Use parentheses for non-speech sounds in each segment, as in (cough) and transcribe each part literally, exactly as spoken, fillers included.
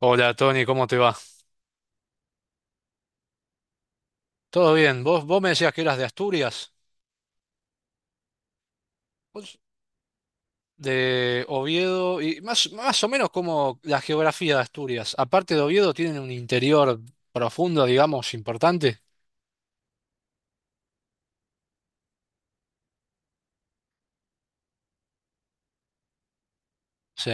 Hola Tony, ¿cómo te va? ¿Todo bien? ¿Vos, vos me decías que eras de Asturias? ¿Vos de Oviedo? Y más, más o menos como la geografía de Asturias. Aparte de Oviedo, tienen un interior profundo, digamos, importante. Sí,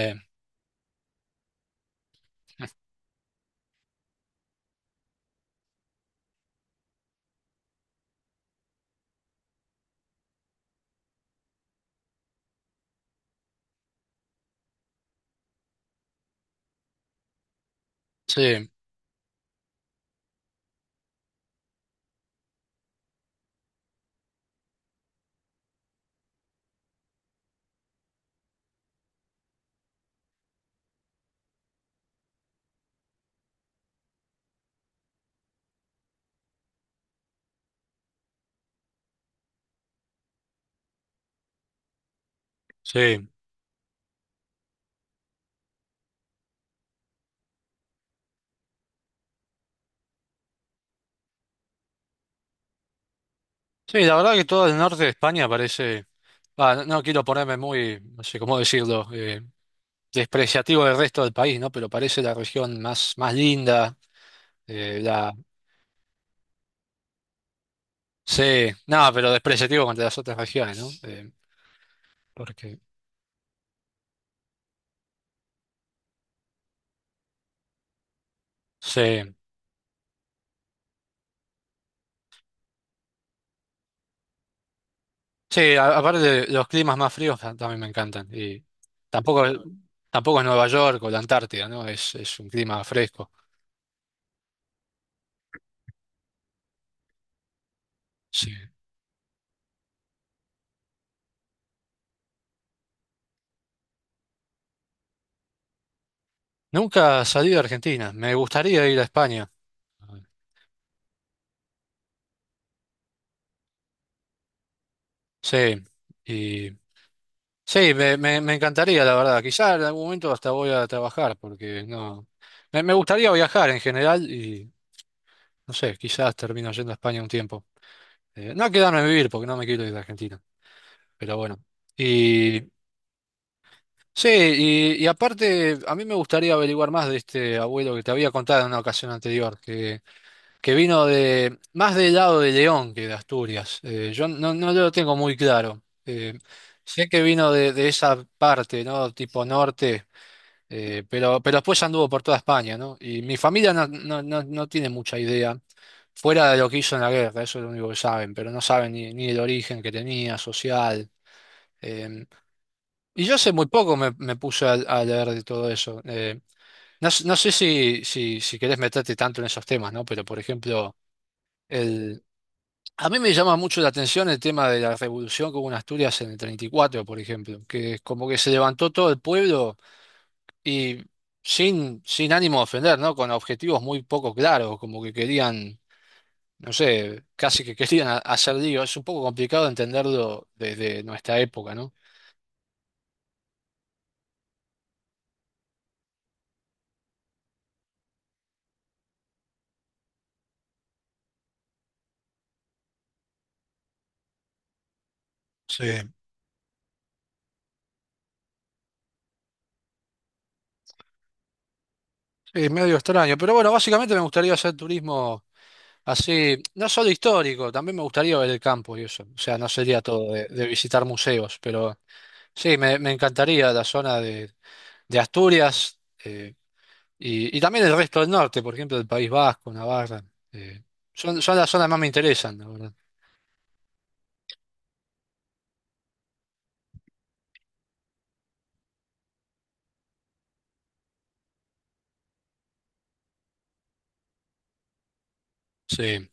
sí, sí. Sí, la verdad que todo el norte de España parece... Ah, no, no quiero ponerme muy, no sé cómo decirlo, eh, despreciativo del resto del país, ¿no? Pero parece la región más, más linda, eh, la... Sí, no, pero despreciativo contra las otras regiones, ¿no? Eh, porque sí, sí, a- aparte de los climas más fríos ta- también me encantan. Y tampoco, tampoco es Nueva York o la Antártida, ¿no? Es, es un clima fresco. Sí. Nunca salí de Argentina. Me gustaría ir a España. Sí. Y sí, me, me, me encantaría, la verdad. Quizá en algún momento hasta voy a trabajar, porque no. Me, me gustaría viajar en general y no sé, quizás termino yendo a España un tiempo. Eh, no quedarme a vivir porque no me quiero ir de Argentina. Pero bueno. Sí, y, y aparte, a mí me gustaría averiguar más de este abuelo que te había contado en una ocasión anterior, que, que vino de más del lado de León que de Asturias. Eh, yo no, no lo tengo muy claro. Eh, sé que vino de, de esa parte, ¿no? Tipo norte, eh, pero, pero después anduvo por toda España, ¿no? Y mi familia no, no, no, no tiene mucha idea, fuera de lo que hizo en la guerra, eso es lo único que saben, pero no saben ni, ni el origen que tenía, social. eh, y yo hace muy poco me, me puse a, a leer de todo eso. Eh, no, s- no sé si, si, si querés meterte tanto en esos temas, ¿no? Pero, por ejemplo, el, a mí me llama mucho la atención el tema de la revolución que hubo en Asturias en el treinta y cuatro, por ejemplo, que es como que se levantó todo el pueblo y sin, sin ánimo de ofender, ¿no? Con objetivos muy poco claros, como que querían, no sé, casi que querían ha- hacer lío. Es un poco complicado entenderlo desde nuestra época, ¿no? Sí. Es medio extraño, pero bueno, básicamente me gustaría hacer turismo así, no solo histórico, también me gustaría ver el campo y eso. O sea, no sería todo de, de visitar museos, pero sí, me, me encantaría la zona de, de Asturias, eh, y, y también el resto del norte, por ejemplo, el País Vasco, Navarra. eh, son, son las zonas más me interesan, la verdad. Sí,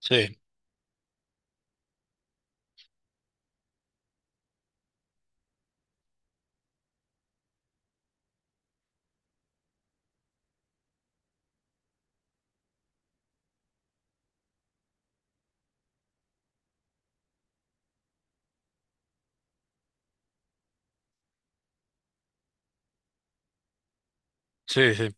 sí, sí, sí.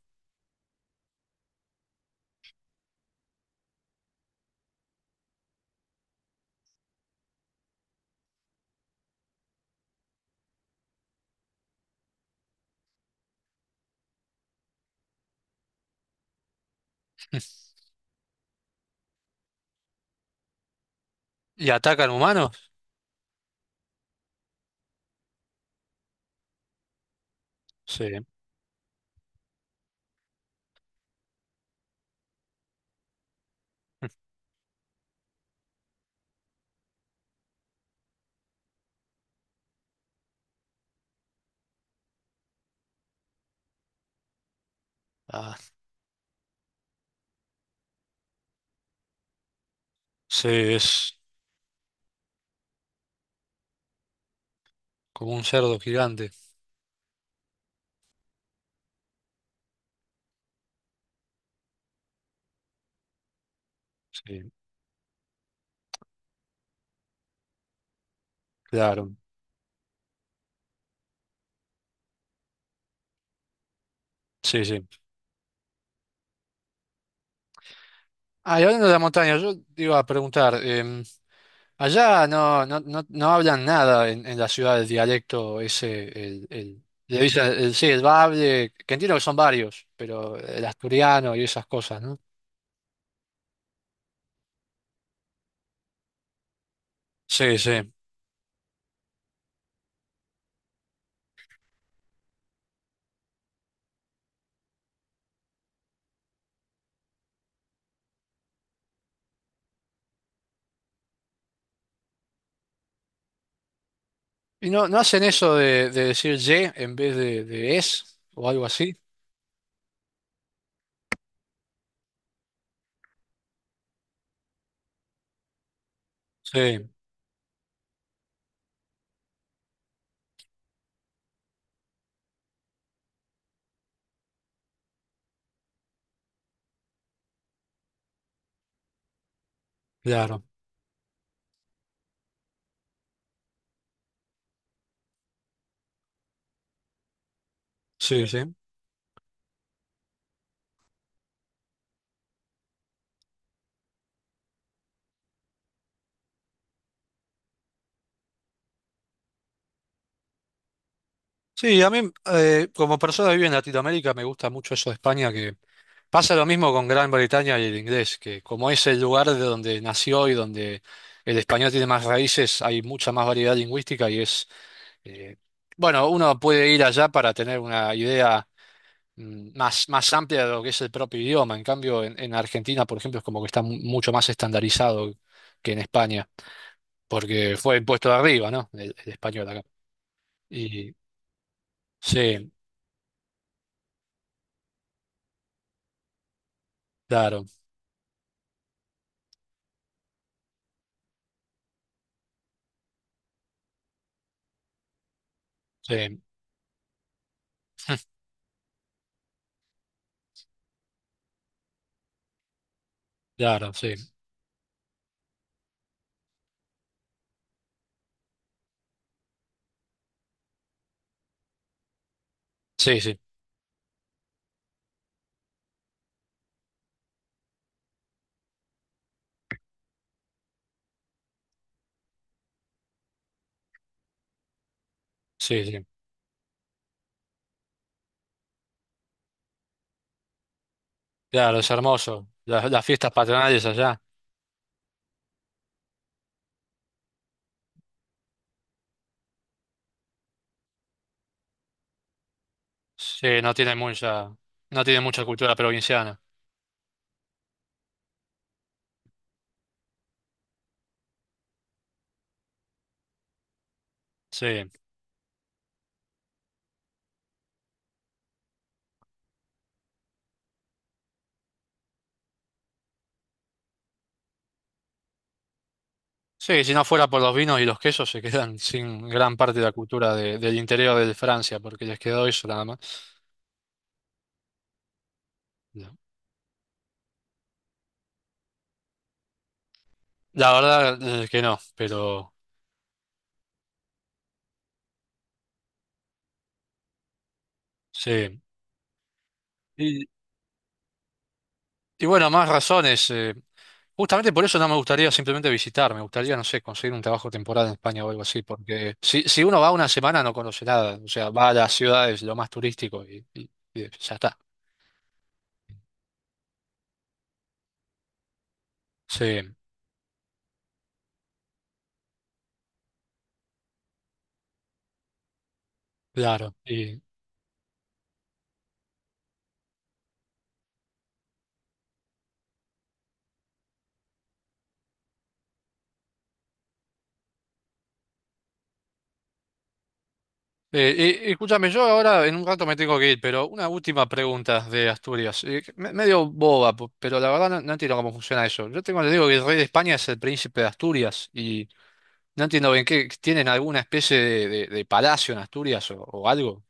¿Y atacan humanos? Sí. (laughs) Ah, sí, es como un cerdo gigante. Sí, claro. Sí, sí. Ah, y hablando de la montaña, yo te iba a preguntar, em, allá no, no, no, no hablan nada en, en la ciudad del dialecto ese, el, el, le dicen, el- sí, el bable, que entiendo que son varios, pero el asturiano y esas cosas, ¿no? Sí, sí. ¿Y no, no hacen eso de, de decir ye en vez de, de es o algo así? Sí, claro, sí, sí. Sí, a mí eh, como persona que vive en Latinoamérica me gusta mucho eso de España, que pasa lo mismo con Gran Bretaña y el inglés, que como es el lugar de donde nació y donde el español tiene más raíces, hay mucha más variedad lingüística y es, eh, bueno, uno puede ir allá para tener una idea mm, más, más amplia de lo que es el propio idioma. En cambio, en, en Argentina, por ejemplo, es como que está mu- mucho más estandarizado que en España, porque fue impuesto de arriba, ¿no? El, el español acá. Y sí, claro. Sí. Claro, sí, sí, sí, sí, sí. Claro, es hermoso. Las, las fiestas patronales allá, sí, no tienen mucha, no tienen mucha cultura provinciana. Sí, sí, si no fuera por los vinos y los quesos se quedan (laughs) sin gran parte de la cultura de- del interior de Francia, porque les quedó eso nada más. No. La verdad eh, que no, pero sí. Y, y bueno, más razones. eh, Justamente por eso no me gustaría simplemente visitar, me gustaría, no sé, conseguir un trabajo temporal en España o algo así, porque si, si uno va una semana no conoce nada, o sea, va a las ciudades, lo más turístico y, y- y ya está. Sí, claro. Y, eh, eh, escúchame, yo ahora en un rato me tengo que ir, pero una última pregunta de Asturias, eh, que me- medio boba, po- pero la verdad no, no entiendo cómo funciona eso. Yo tengo le digo que el rey de España es el príncipe de Asturias y no entiendo bien qué, ¿tienen alguna especie de, de- de palacio en Asturias o o algo?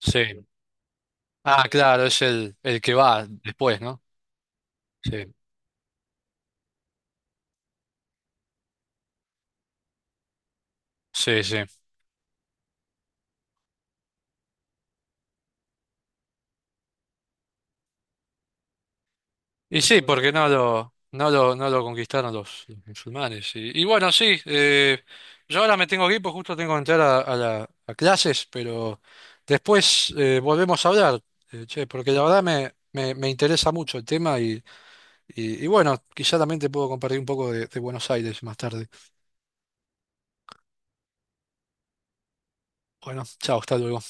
Sí. Ah, claro, es el, el que va después, ¿no? Sí, sí, sí. Y sí, porque no lo, no lo, no lo conquistaron los, los musulmanes. Y, y bueno, sí, eh, yo ahora me tengo que ir, pues justo tengo que entrar a, a la- a clases, pero después eh, volvemos a hablar, eh, che, porque la verdad me, me, me interesa mucho el tema y, y, y bueno, quizá también te puedo compartir un poco de de Buenos Aires más tarde. Bueno, chao, hasta luego.